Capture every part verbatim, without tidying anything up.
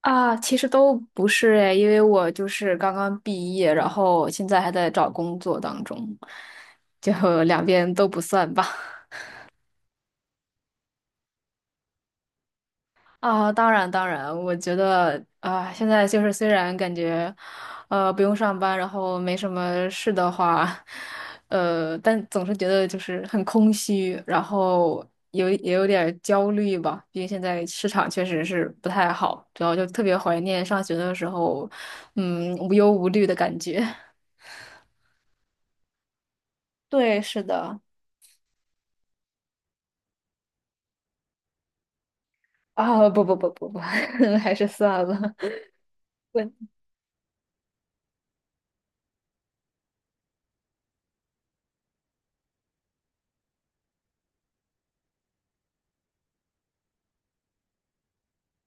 啊，其实都不是诶，因为我就是刚刚毕业，然后现在还在找工作当中，就 两边都不算吧。啊，当然当然，我觉得啊，现在就是虽然感觉，呃，不用上班，然后没什么事的话，呃，但总是觉得就是很空虚，然后有也有点儿焦虑吧，毕竟现在市场确实是不太好，主要就特别怀念上学的时候，嗯，无忧无虑的感觉。对，是的。啊，不不不不不，还是算了。我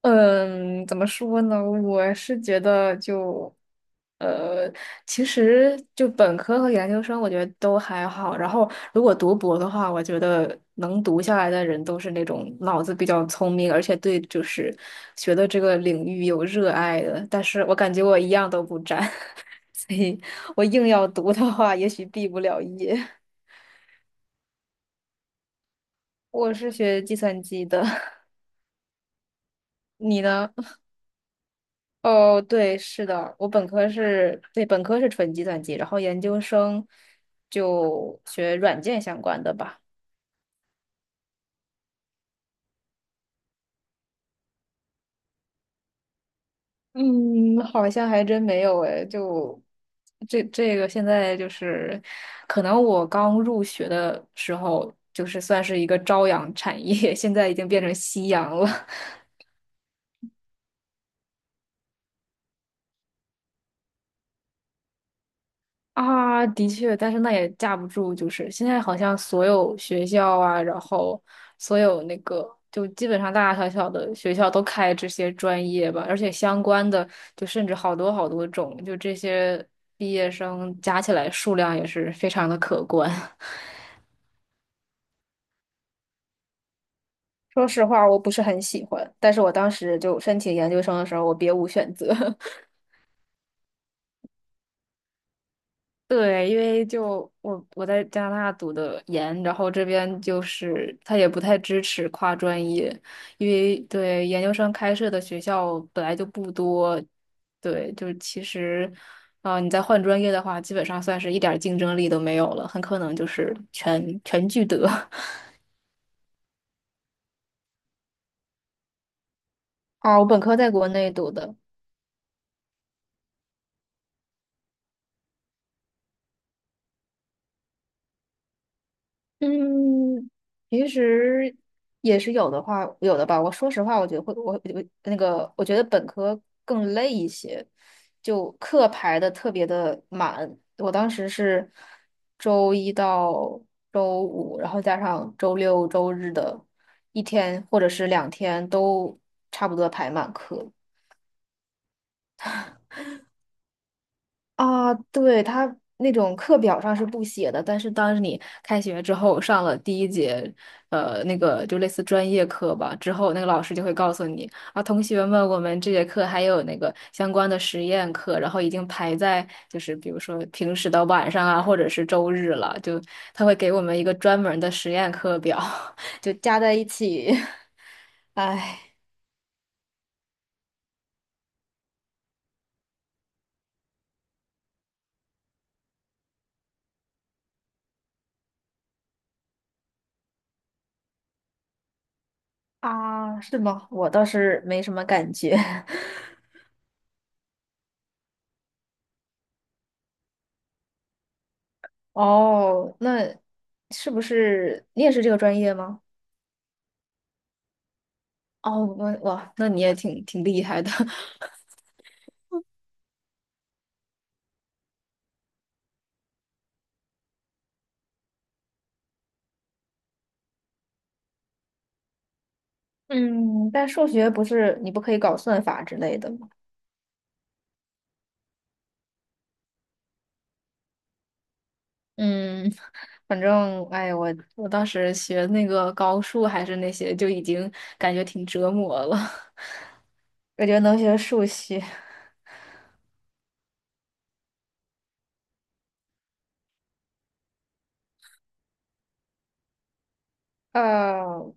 嗯，怎么说呢？我是觉得就，呃，其实就本科和研究生，我觉得都还好。然后如果读博的话，我觉得能读下来的人都是那种脑子比较聪明，而且对就是学的这个领域有热爱的。但是我感觉我一样都不沾，所以我硬要读的话，也许毕不了业。我是学计算机的。你呢？哦，对，是的，我本科是，对，本科是纯计算机，然后研究生就学软件相关的吧。嗯，好像还真没有诶，就这这个现在就是，可能我刚入学的时候就是算是一个朝阳产业，现在已经变成夕阳了。啊，的确，但是那也架不住，就是现在好像所有学校啊，然后所有那个，就基本上大大小小的学校都开这些专业吧，而且相关的就甚至好多好多种，就这些毕业生加起来数量也是非常的可观。说实话，我不是很喜欢，但是我当时就申请研究生的时候，我别无选择。对，因为就我我在加拿大读的研，然后这边就是他也不太支持跨专业，因为对研究生开设的学校本来就不多，对，就是其实，啊、你再换专业的话，基本上算是一点儿竞争力都没有了，很可能就是全全聚德。啊，我本科在国内读的，嗯，平时也是有的话，有的吧。我说实话，我觉得会，我我那个，我觉得本科更累一些，就课排的特别的满。我当时是周一到周五，然后加上周六周日的一天或者是两天都差不多排满课。啊，对，他那种课表上是不写的，但是当你开学之后上了第一节，呃，那个就类似专业课吧，之后那个老师就会告诉你啊，同学们，我们这节课还有那个相关的实验课，然后已经排在就是比如说平时的晚上啊，或者是周日了，就他会给我们一个专门的实验课表，就加在一起，唉啊，是吗？我倒是没什么感觉。哦，那是不是你也是这个专业吗？哦，我哇，那你也挺挺厉害的。嗯，但数学不是你不可以搞算法之类的吗？嗯，反正哎，我我当时学那个高数还是那些，就已经感觉挺折磨了。我觉得能学数学，呃，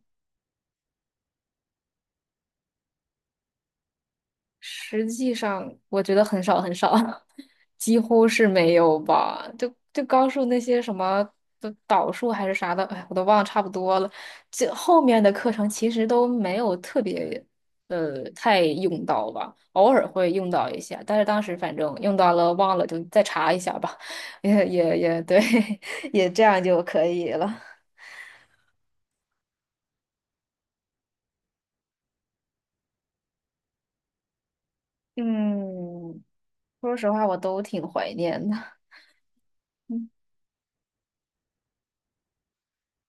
实际上，我觉得很少很少，几乎是没有吧。就就高数那些什么的导数还是啥的，哎，我都忘了差不多了。这后面的课程其实都没有特别呃太用到吧，偶尔会用到一下，但是当时反正用到了忘了就再查一下吧，也也也对，也这样就可以了。嗯，说实话，我都挺怀念的。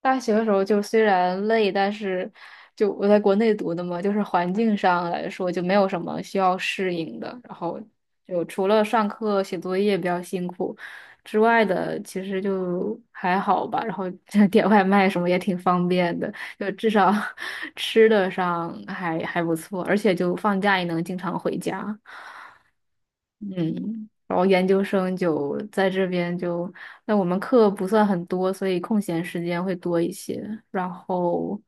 大学的时候就虽然累，但是就我在国内读的嘛，就是环境上来说就没有什么需要适应的。然后就除了上课写作业比较辛苦之外的，其实就还好吧。然后 点外卖什么也挺方便的，就至少 吃的上还还不错，而且就放假也能经常回家。嗯，然后研究生就在这边就，那我们课不算很多，所以空闲时间会多一些。然后，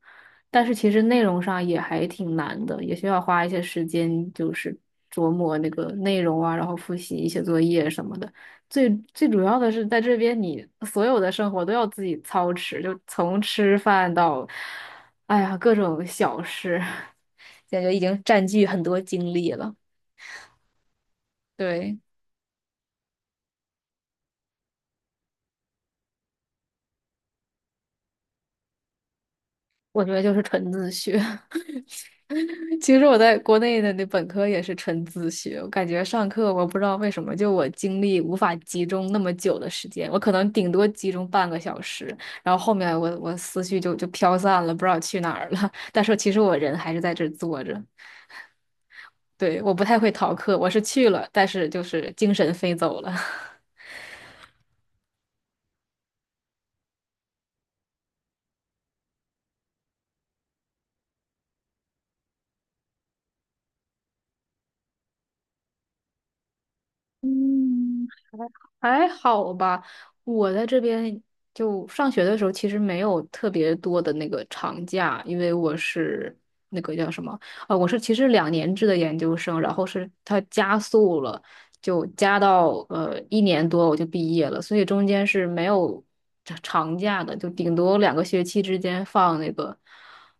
但是其实内容上也还挺难的，也需要花一些时间，就是琢磨那个内容啊，然后复习一些作业什么的。最最主要的是，在这边你所有的生活都要自己操持，就从吃饭到，哎呀，各种小事，感觉已经占据很多精力了。对。我觉得就是纯自学。其实我在国内的那本科也是纯自学，我感觉上课我不知道为什么，就我精力无法集中那么久的时间，我可能顶多集中半个小时，然后后面我我思绪就就飘散了，不知道去哪儿了。但是其实我人还是在这儿坐着，对，我不太会逃课，我是去了，但是就是精神飞走了。嗯。还好吧，我在这边就上学的时候，其实没有特别多的那个长假，因为我是那个叫什么啊、我是其实两年制的研究生，然后是它加速了，就加到呃一年多我就毕业了，所以中间是没有长长假的，就顶多两个学期之间放那个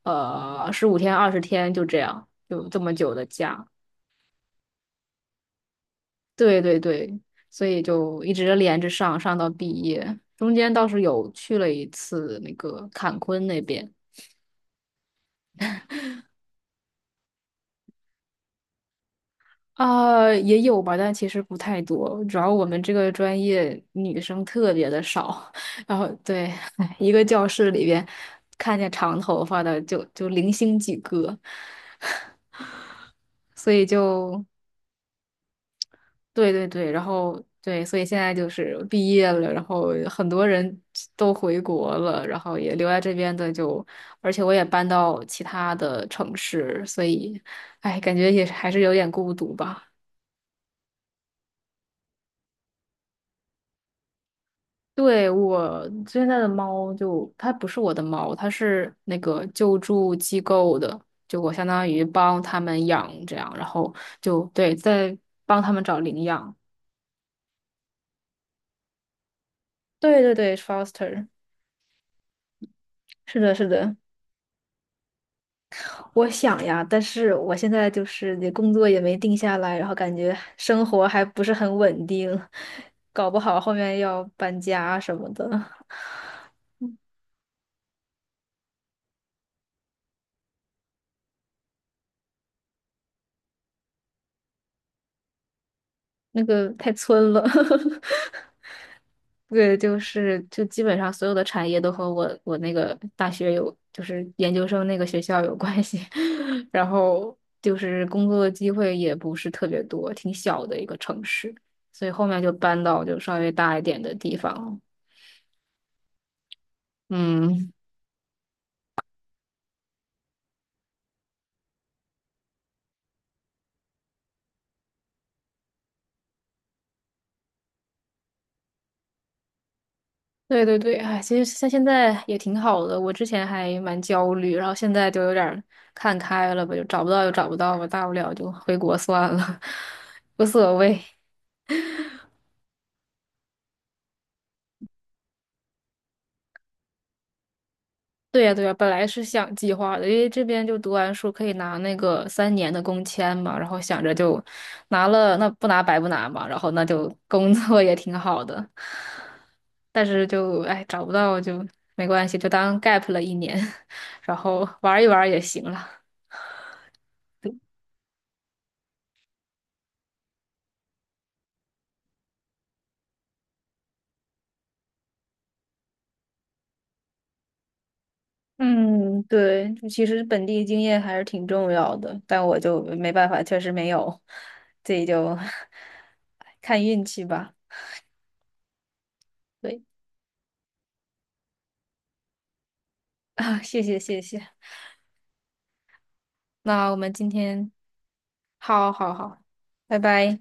呃十五天二十天就这样，就这么久的假。对对对，所以就一直连着上，上到毕业。中间倒是有去了一次那个坎昆那边，啊、也有吧，但其实不太多。主要我们这个专业女生特别的少，然后对，一个教室里边看见长头发的就就零星几个，所以就对对对，然后对，所以现在就是毕业了，然后很多人都回国了，然后也留在这边的就，而且我也搬到其他的城市，所以，哎，感觉也是还是有点孤独吧。对，我现在的猫就，它不是我的猫，它是那个救助机构的，就我相当于帮他们养这样，然后就对，在帮他们找领养。对对对，foster，是的，是的。我想呀，但是我现在就是那工作也没定下来，然后感觉生活还不是很稳定，搞不好后面要搬家什么的，那个太村了。对，就是就基本上所有的产业都和我我那个大学有，就是研究生那个学校有关系，然后就是工作的机会也不是特别多，挺小的一个城市，所以后面就搬到就稍微大一点的地方了。嗯，对对对，哎，其实像现在也挺好的。我之前还蛮焦虑，然后现在就有点儿看开了吧，就找不到就找不到吧，大不了就回国算了，无所谓。对呀对呀，本来是想计划的，因为这边就读完书可以拿那个三年的工签嘛，然后想着就拿了，那不拿白不拿嘛，然后那就 工作也挺好的，但是就哎找不到就没关系，就当 gap 了一年，然后玩一玩也行了。嗯，对，其实本地经验还是挺重要的，但我就没办法，确实没有，这就 看运气吧。对啊，谢谢谢谢，那我们今天好好好，拜拜。